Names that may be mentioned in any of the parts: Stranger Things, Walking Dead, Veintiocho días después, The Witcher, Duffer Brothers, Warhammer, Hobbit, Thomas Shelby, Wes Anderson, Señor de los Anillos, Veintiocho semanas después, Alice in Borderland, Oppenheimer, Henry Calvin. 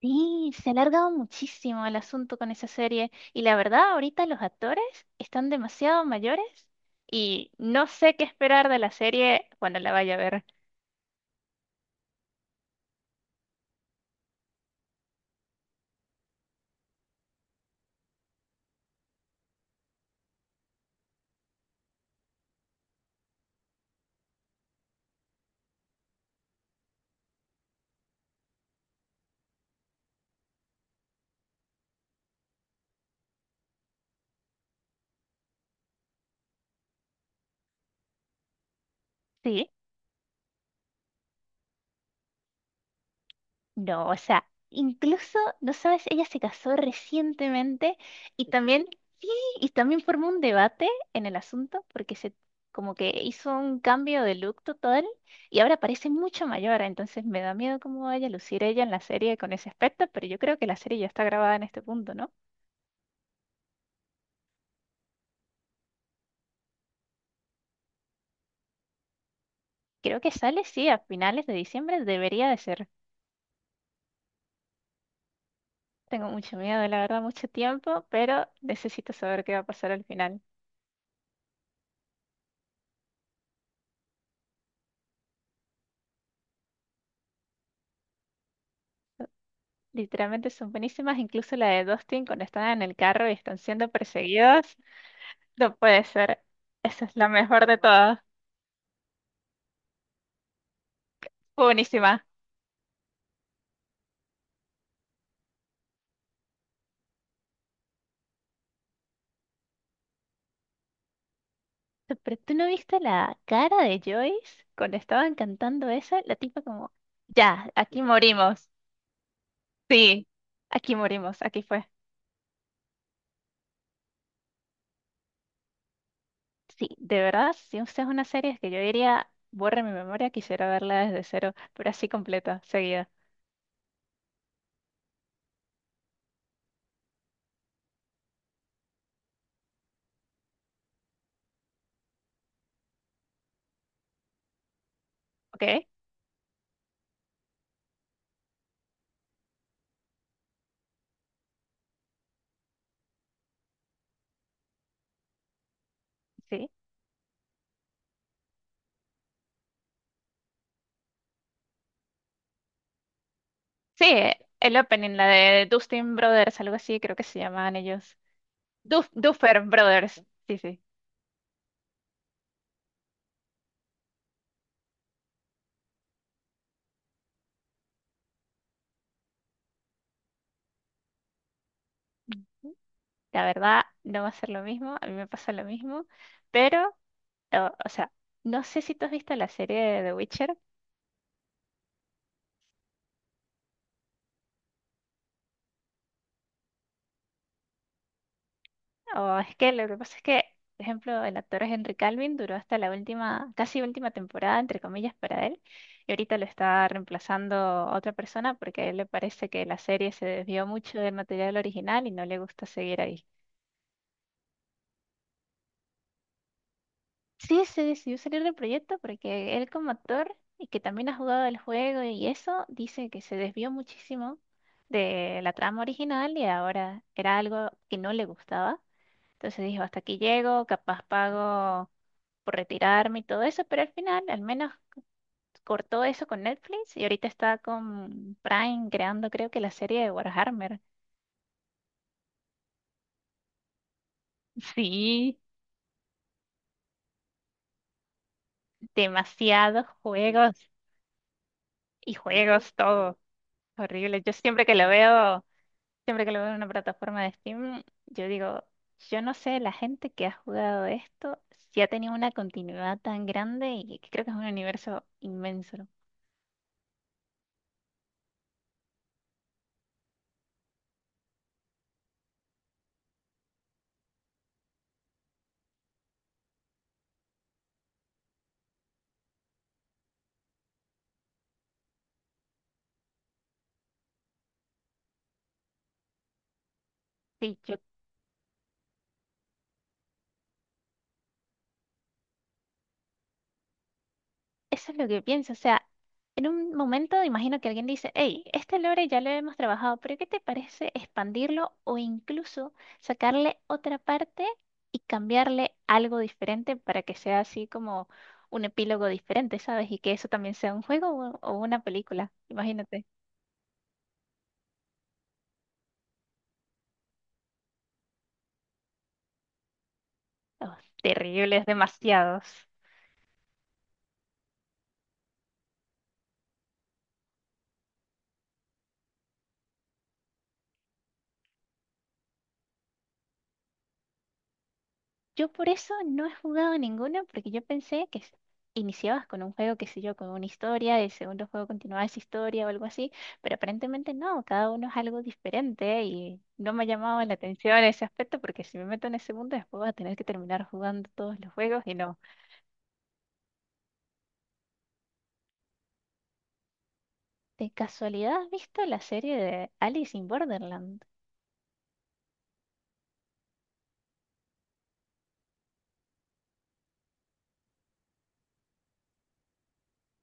Sí, se ha alargado muchísimo el asunto con esa serie y la verdad ahorita los actores están demasiado mayores y no sé qué esperar de la serie cuando la vaya a ver. Sí, no, o sea, incluso, no sabes, ella se casó recientemente y también, sí, y también formó un debate en el asunto porque se como que hizo un cambio de look total y ahora parece mucho mayor, entonces me da miedo cómo vaya a lucir ella en la serie con ese aspecto, pero yo creo que la serie ya está grabada en este punto, ¿no? Creo que sale, sí, a finales de diciembre debería de ser. Tengo mucho miedo, la verdad, mucho tiempo, pero necesito saber qué va a pasar al final. Literalmente son buenísimas, incluso la de Dustin cuando están en el carro y están siendo perseguidos. No puede ser. Esa es la mejor de todas. Fue buenísima. Pero tú no viste la cara de Joyce cuando estaban cantando esa, la tipa como, ya, aquí morimos. Sí, aquí morimos, aquí fue. Sí, de verdad, si usted es una serie que yo diría, borra mi memoria, quisiera verla desde cero, pero así completa, seguida. ¿Ok? Sí. Sí, el opening, la de Dustin Brothers, algo así, creo que se llamaban ellos. Duffer Brothers. Sí, sí. La verdad, no va a ser lo mismo, a mí me pasa lo mismo, pero, o sea, no sé si tú has visto la serie de The Witcher. O es que lo que pasa es que, por ejemplo, el actor Henry Calvin duró hasta la última, casi última temporada, entre comillas, para él. Y ahorita lo está reemplazando otra persona porque a él le parece que la serie se desvió mucho del material original y no le gusta seguir ahí. Sí, se decidió salir del proyecto porque él como actor, y que también ha jugado el juego y eso, dice que se desvió muchísimo de la trama original y ahora era algo que no le gustaba. Entonces dijo, hasta aquí llego, capaz pago por retirarme y todo eso, pero al final al menos cortó eso con Netflix y ahorita está con Prime creando creo que la serie de Warhammer. Sí, demasiados juegos y juegos todo. Horrible. Yo siempre que lo veo, siempre que lo veo en una plataforma de Steam, yo digo, yo no sé, la gente que ha jugado esto, si ha tenido una continuidad tan grande y creo que es un universo inmenso. Sí, yo eso es lo que pienso, o sea, en un momento imagino que alguien dice, hey, este lore ya lo hemos trabajado, pero ¿qué te parece expandirlo o incluso sacarle otra parte y cambiarle algo diferente para que sea así como un epílogo diferente, ¿sabes? Y que eso también sea un juego o una película, imagínate. Oh, terrible, es demasiados. Yo por eso no he jugado ninguno, porque yo pensé que iniciabas con un juego, qué sé yo, con una historia, el segundo juego continuaba esa historia o algo así, pero aparentemente no, cada uno es algo diferente y no me ha llamado la atención ese aspecto, porque si me meto en el segundo, después voy a tener que terminar jugando todos los juegos y no. ¿De casualidad has visto la serie de Alice in Borderland?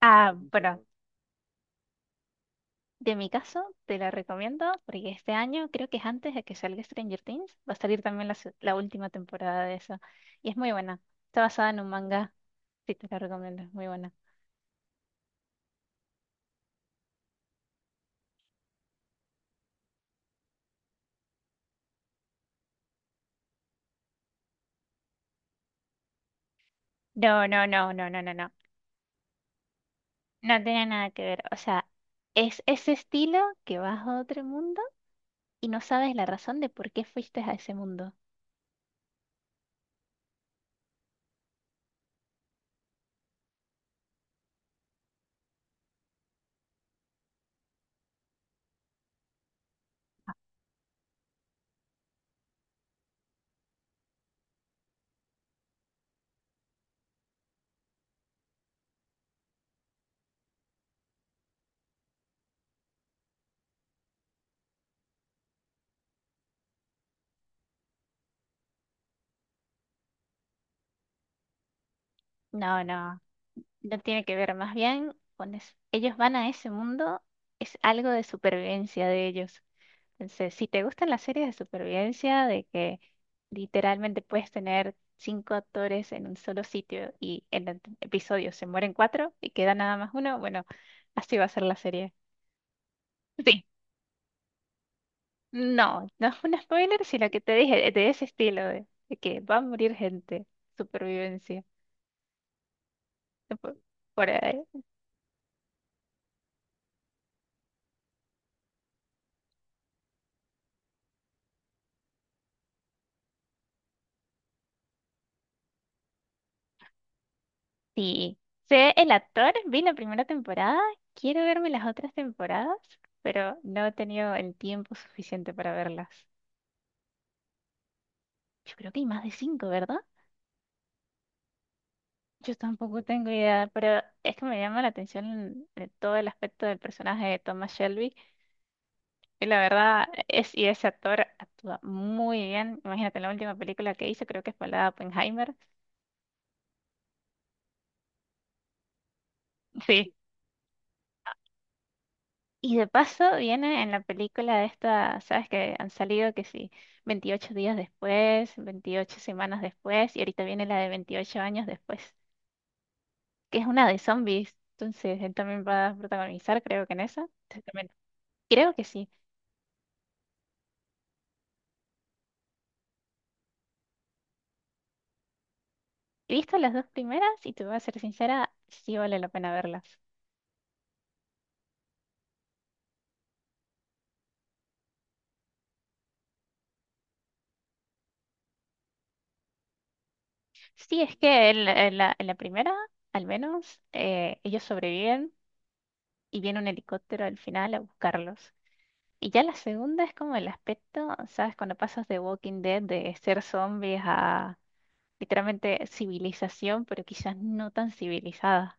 Ah, bueno, de mi caso, te la recomiendo porque este año, creo que es antes de que salga Stranger Things, va a salir también la última temporada de eso. Y es muy buena. Está basada en un manga. Sí, te la recomiendo, es muy buena. No, no, no, no, no, no, no. No tiene nada que ver. O sea, es ese estilo que vas a otro mundo y no sabes la razón de por qué fuiste a ese mundo. No, no, no tiene que ver. Más bien, cuando es- ellos van a ese mundo, es algo de supervivencia de ellos. Entonces, si te gustan las series de supervivencia, de que literalmente puedes tener cinco actores en un solo sitio y en el episodio se mueren cuatro y queda nada más uno, bueno, así va a ser la serie. Sí, no, no es un spoiler, sino que te dije de ese estilo, de que va a morir gente, supervivencia. Por, por ahí. Sí, sé el actor, vi la primera temporada, quiero verme las otras temporadas, pero no he tenido el tiempo suficiente para verlas. Yo creo que hay más de cinco, ¿verdad? Yo tampoco tengo idea, pero es que me llama la atención todo el aspecto del personaje de Thomas Shelby. Y la verdad es, y ese actor actúa muy bien. Imagínate, la última película que hizo creo que fue la de Oppenheimer. Sí. Y de paso viene en la película esta, ¿sabes? Que han salido que sí, 28 días después, 28 semanas después, y ahorita viene la de 28 años después, que es una de zombies. Entonces, él también va a protagonizar, creo que en esa. Entonces, también- Creo que sí. He visto las dos primeras y te voy a ser sincera, sí vale la pena verlas. Sí, es que en la primera, al menos, ellos sobreviven y viene un helicóptero al final a buscarlos. Y ya la segunda es como el aspecto, ¿sabes? Cuando pasas de Walking Dead, de ser zombies a literalmente civilización, pero quizás no tan civilizada.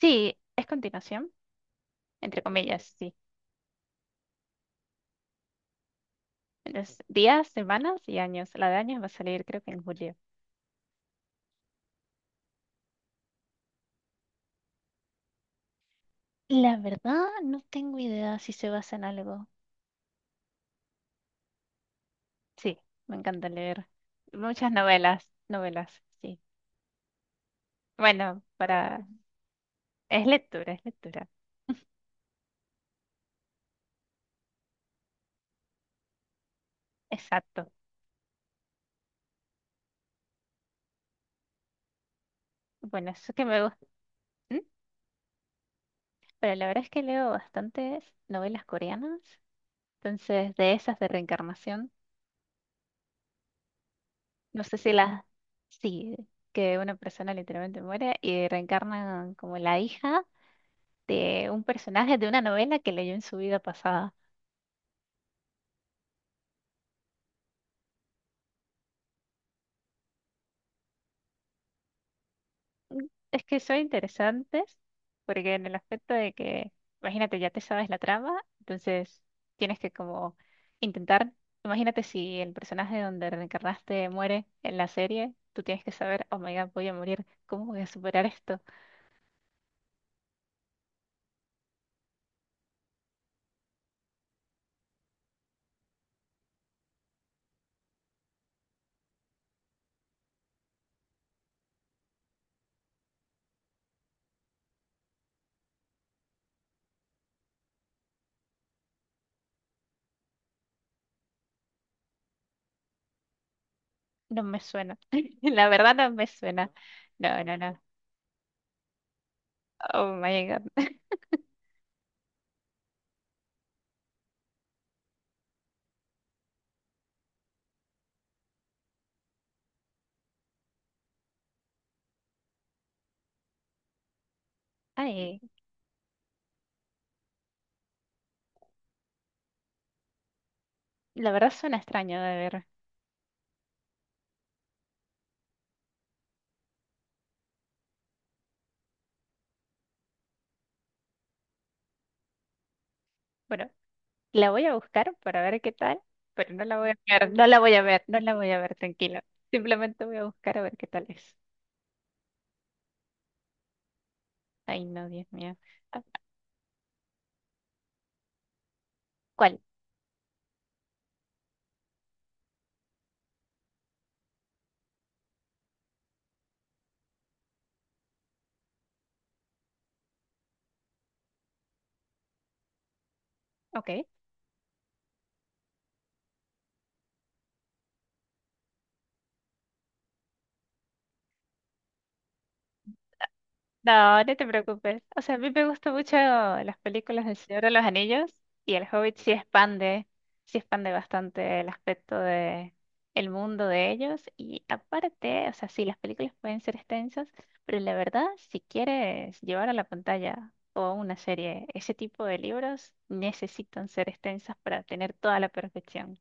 Sí, es continuación, entre comillas, sí. Entonces, días, semanas y años. La de años va a salir creo que en julio. La verdad, no tengo idea si se basa en algo. Sí, me encanta leer muchas novelas, novelas, sí. Bueno, para... Es lectura, es lectura. Exacto. Bueno, eso que me gusta. ¿Mm? Pero la verdad es que leo bastantes novelas coreanas. Entonces, de esas de reencarnación, no sé si las... Sí, que una persona literalmente muere y reencarna como la hija de un personaje de una novela que leyó en su vida pasada. Es que son interesantes, porque en el aspecto de que, imagínate, ya te sabes la trama, entonces tienes que como intentar, imagínate si el personaje donde reencarnaste muere en la serie, tú tienes que saber, oh my God, voy a morir, ¿cómo voy a superar esto? No me suena, la verdad no me suena, no, no, no, oh my God, ay, la verdad suena extraño de ver, bueno, la voy a buscar para ver qué tal, pero no la voy a ver, no la voy a ver, no la voy a ver, tranquilo. Simplemente voy a buscar a ver qué tal es. Ay, no, Dios mío. Ah, ¿cuál? Ok. No, no te preocupes. O sea, a mí me gustan mucho las películas del Señor de los Anillos y el Hobbit sí expande bastante el aspecto de el mundo de ellos y aparte, o sea, sí, las películas pueden ser extensas, pero la verdad, si quieres llevar a la pantalla o a una serie ese tipo de libros, necesitan ser extensas para tener toda la perfección.